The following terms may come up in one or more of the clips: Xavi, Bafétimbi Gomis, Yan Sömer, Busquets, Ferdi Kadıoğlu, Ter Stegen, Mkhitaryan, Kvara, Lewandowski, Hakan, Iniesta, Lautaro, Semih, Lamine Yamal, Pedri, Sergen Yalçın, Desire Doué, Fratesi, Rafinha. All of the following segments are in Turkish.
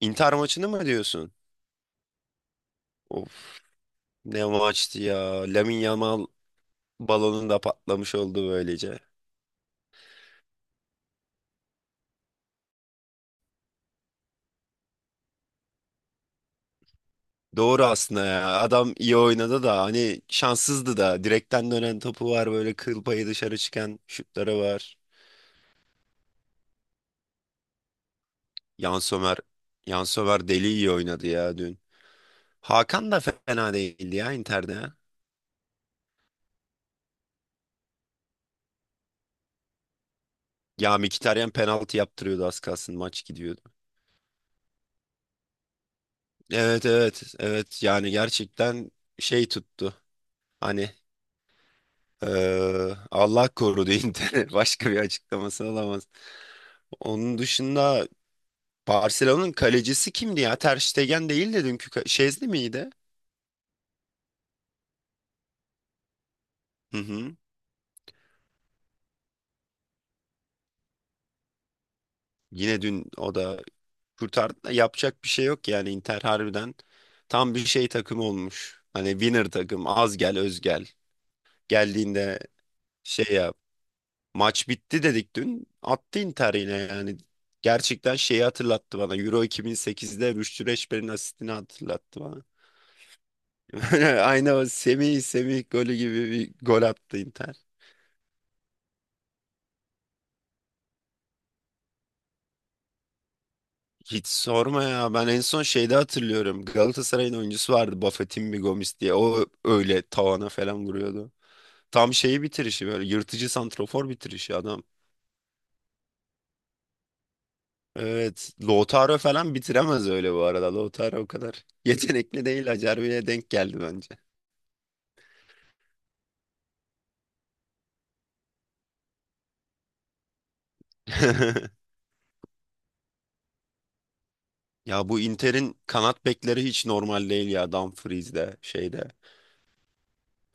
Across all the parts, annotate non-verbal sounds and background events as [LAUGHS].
Inter maçını mı diyorsun? Of, ne maçtı ya. Lamine Yamal balonun da patlamış oldu böylece. Doğru aslında ya. Adam iyi oynadı da hani şanssızdı da. Direkten dönen topu var, böyle kıl payı dışarı çıkan şutları var. Yan Sömer, Yan Sömer deli iyi oynadı ya dün. Hakan da fena değildi ya Inter'de. Ya Mkhitaryan penaltı yaptırıyordu, az kalsın maç gidiyordu. Evet evet evet, yani gerçekten şey tuttu. Hani Allah korudu Inter'in, [LAUGHS] başka bir açıklaması olamaz. Onun dışında Barcelona'nın kalecisi kimdi ya? Ter Stegen değil de dünkü Şezli miydi? Hı hı. Yine dün o da kurtardı da yapacak bir şey yok, yani Inter harbiden tam bir şey, takım olmuş. Hani winner takım, az gel öz gel. Geldiğinde şey yap. Maç bitti dedik dün. Attı Inter yine yani. Gerçekten şeyi hatırlattı bana. Euro 2008'de Rüştü Reçber'in asistini hatırlattı bana. [LAUGHS] Aynı o Semih golü gibi bir gol attı Inter. Hiç sorma ya. Ben en son şeyde hatırlıyorum. Galatasaray'ın oyuncusu vardı, Bafétimbi Gomis diye. O öyle tavana falan vuruyordu. Tam şeyi, bitirişi böyle yırtıcı santrafor bitirişi adam. Evet. Lautaro falan bitiremez öyle bu arada. Lautaro o kadar [LAUGHS] yetenekli değil. Acerbi'ye denk geldi bence. [LAUGHS] Ya bu Inter'in kanat bekleri hiç normal değil ya. Dumfries'de şeyde.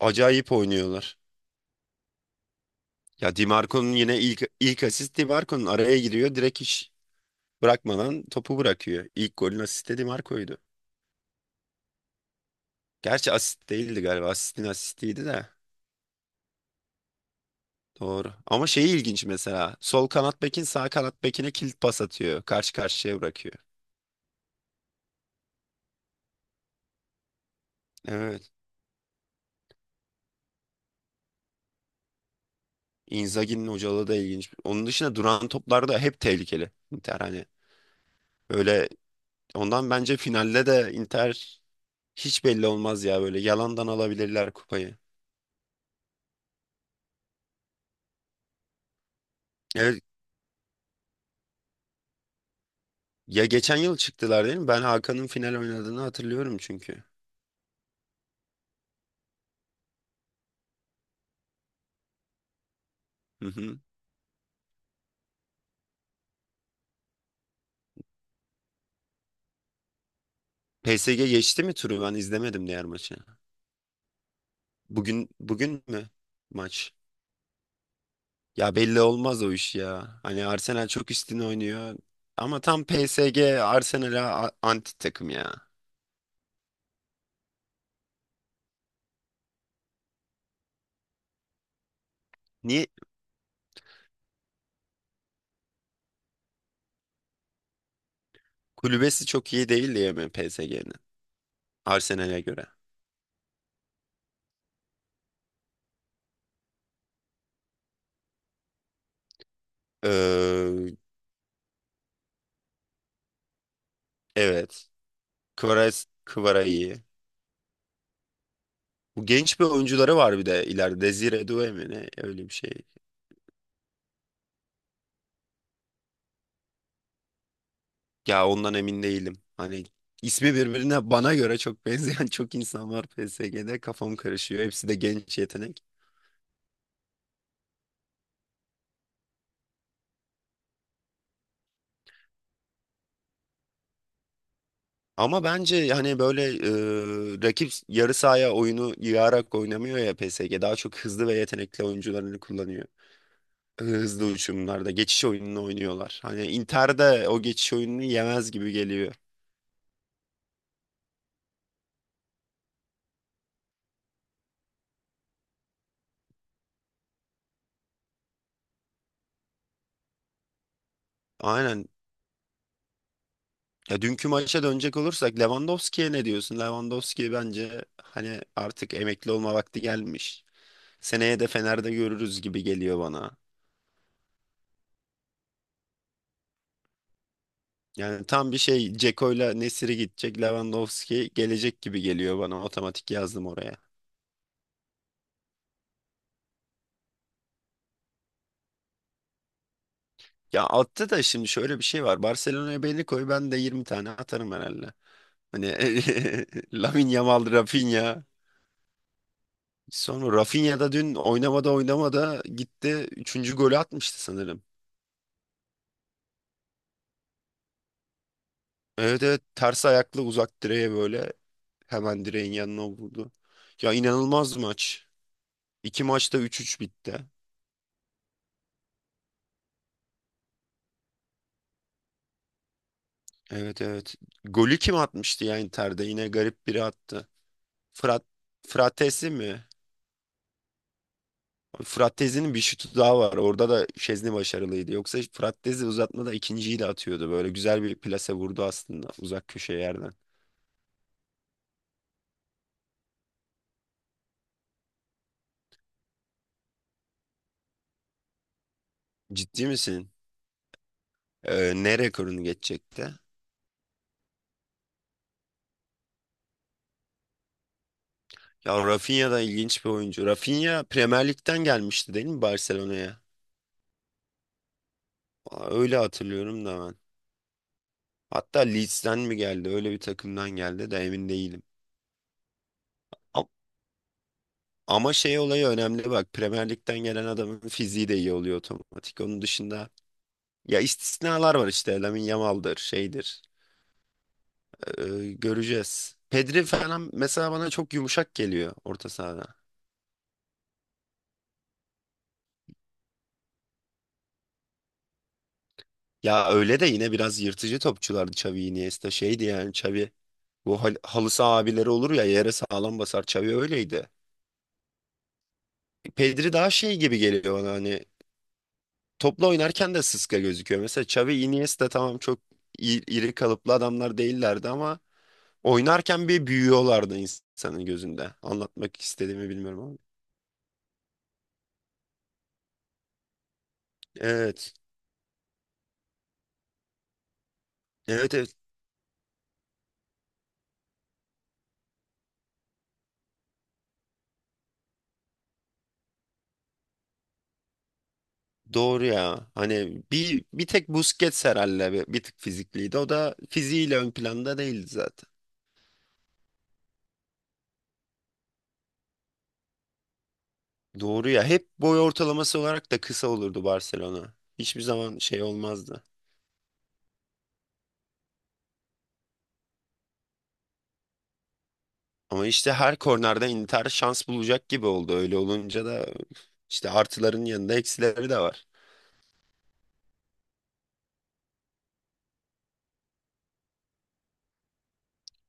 Acayip oynuyorlar. Ya Di Marco'nun yine ilk asist, Di Marco'nun araya giriyor. Direkt hiç bırakmadan topu bırakıyor. İlk golün asisti Di Marco'ydu. Gerçi asist değildi galiba. Asistin asistiydi de. Doğru. Ama şeyi ilginç mesela. Sol kanat bekin sağ kanat bekine kilit pas atıyor. Karşı karşıya bırakıyor. Evet. Inzaghi'nin hocalığı da ilginç. Onun dışında duran toplar da hep tehlikeli. Inter hani böyle, ondan bence finalde de Inter hiç belli olmaz ya, böyle yalandan alabilirler kupayı. Evet. Ya geçen yıl çıktılar değil mi? Ben Hakan'ın final oynadığını hatırlıyorum çünkü. Hı hı. PSG geçti mi turu? Ben izlemedim diğer maçı. Bugün mü maç? Ya belli olmaz o iş ya. Hani Arsenal çok üstün oynuyor. Ama tam PSG Arsenal'a anti takım ya. Niye? Kulübesi çok iyi değil diye mi PSG'nin? Arsenal'e göre. Ee, evet. Kvara iyi. Bu, genç bir oyuncuları var bir de ileride. Desire Doué mi ne? Öyle bir şey. Ya ondan emin değilim. Hani ismi birbirine bana göre çok benzeyen [LAUGHS] çok insan var PSG'de. Kafam karışıyor. Hepsi de genç yetenek. Ama bence hani böyle rakip yarı sahaya oyunu yığarak oynamıyor ya PSG. Daha çok hızlı ve yetenekli oyuncularını kullanıyor. Hızlı uçumlarda geçiş oyununu oynuyorlar. Hani Inter'de o geçiş oyununu yemez gibi geliyor. Aynen. Ya dünkü maça dönecek olursak, Lewandowski'ye ne diyorsun? Lewandowski bence hani artık emekli olma vakti gelmiş. Seneye de Fener'de görürüz gibi geliyor bana. Yani tam bir şey, Ceko'yla Nesiri gidecek, Lewandowski gelecek gibi geliyor bana. Otomatik yazdım oraya. Ya altta da şimdi şöyle bir şey var. Barcelona'ya belli koy, ben de 20 tane atarım herhalde. Hani [LAUGHS] Lamine Yamal, Rafinha. Sonra Rafinha da dün oynamada oynamada gitti. Üçüncü golü atmıştı sanırım. Evet evet, ters ayaklı uzak direğe, böyle hemen direğin yanına vurdu. Ya inanılmaz maç. İki maçta 3-3 bitti. Evet evet. Golü kim atmıştı ya Inter'de? Yine garip biri attı. Frat Fratesi mi? Fratesi'nin bir şutu daha var. Orada da Şezni başarılıydı. Yoksa Fratesi uzatmada ikinciyi de atıyordu. Böyle güzel bir plase vurdu aslında, uzak köşe yerden. Ciddi misin? Ne rekorunu geçecekti? Ya Rafinha da ilginç bir oyuncu. Rafinha Premier Lig'den gelmişti değil mi Barcelona'ya? Aa, öyle hatırlıyorum da ben. Hatta Leeds'ten mi geldi? Öyle bir takımdan geldi de emin değilim. Ama şey, olayı önemli bak. Premier Lig'den gelen adamın fiziği de iyi oluyor otomatik. Onun dışında ya istisnalar var işte. Lamine Yamal'dır, şeydir. Ee, göreceğiz. Pedri falan mesela bana çok yumuşak geliyor orta sahada. Ya öyle de yine biraz yırtıcı topçulardı Xavi, Iniesta, şeydi yani Xavi. Bu halı saha abileri olur ya, yere sağlam basar, Xavi öyleydi. Pedri daha şey gibi geliyor bana, hani topla oynarken de sıska gözüküyor. Mesela Xavi, Iniesta tamam, çok iri kalıplı adamlar değillerdi ama oynarken bir büyüyorlardı insanın gözünde. Anlatmak istediğimi bilmiyorum ama. Evet. Evet evet. Doğru ya. Hani bir tek Busquets herhalde bir tık fizikliydi. O da fiziğiyle ön planda değildi zaten. Doğru ya. Hep boy ortalaması olarak da kısa olurdu Barcelona. Hiçbir zaman şey olmazdı. Ama işte her kornerden Inter şans bulacak gibi oldu. Öyle olunca da işte artıların yanında eksileri de var.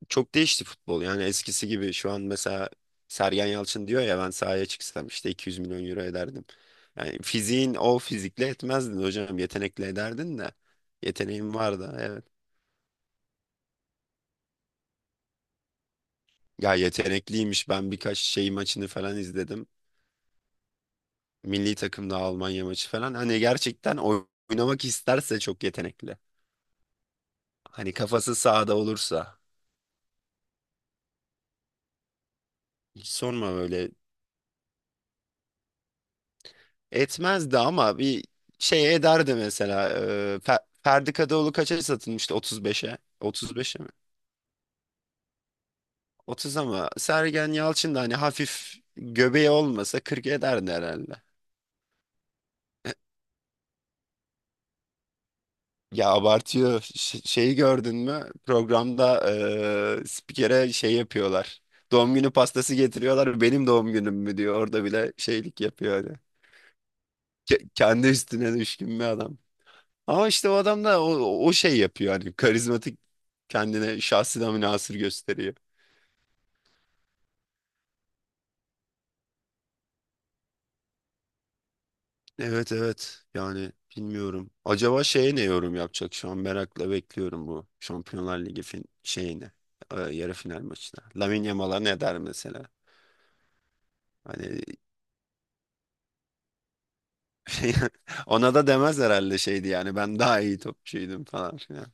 Çok değişti futbol. Yani eskisi gibi şu an mesela Sergen Yalçın diyor ya, ben sahaya çıksam işte 200 milyon euro ederdim. Yani fiziğin, o fizikle etmezdin hocam. Yetenekle ederdin de. Yeteneğim vardı evet. Ya yetenekliymiş. Ben birkaç şey, maçını falan izledim. Milli takımda Almanya maçı falan. Hani gerçekten oynamak isterse çok yetenekli. Hani kafası sahada olursa. Hiç sorma böyle. Etmezdi ama bir şey ederdi mesela. Ferdi Kadıoğlu kaça satılmıştı? 35'e. 35'e mi? 30. Ama Sergen Yalçın da hani hafif göbeği olmasa 40 ederdi herhalde. Ya abartıyor. Şeyi gördün mü? Programda spikere şey yapıyorlar. Doğum günü pastası getiriyorlar. Benim doğum günüm mü diyor. Orada bile şeylik yapıyor. Hani. Kendi üstüne düşkün bir adam. Ama işte o adam da o şey yapıyor, hani karizmatik, kendine, şahsına münhasır gösteriyor. Evet evet, yani bilmiyorum. Acaba şeye ne yorum yapacak şu an, merakla bekliyorum bu Şampiyonlar Ligi şeyini, yarı final maçına. Lamine Yamal'a ne der mesela? Hani [LAUGHS] ona da demez herhalde, şeydi yani ben daha iyi topçuydum falan filan.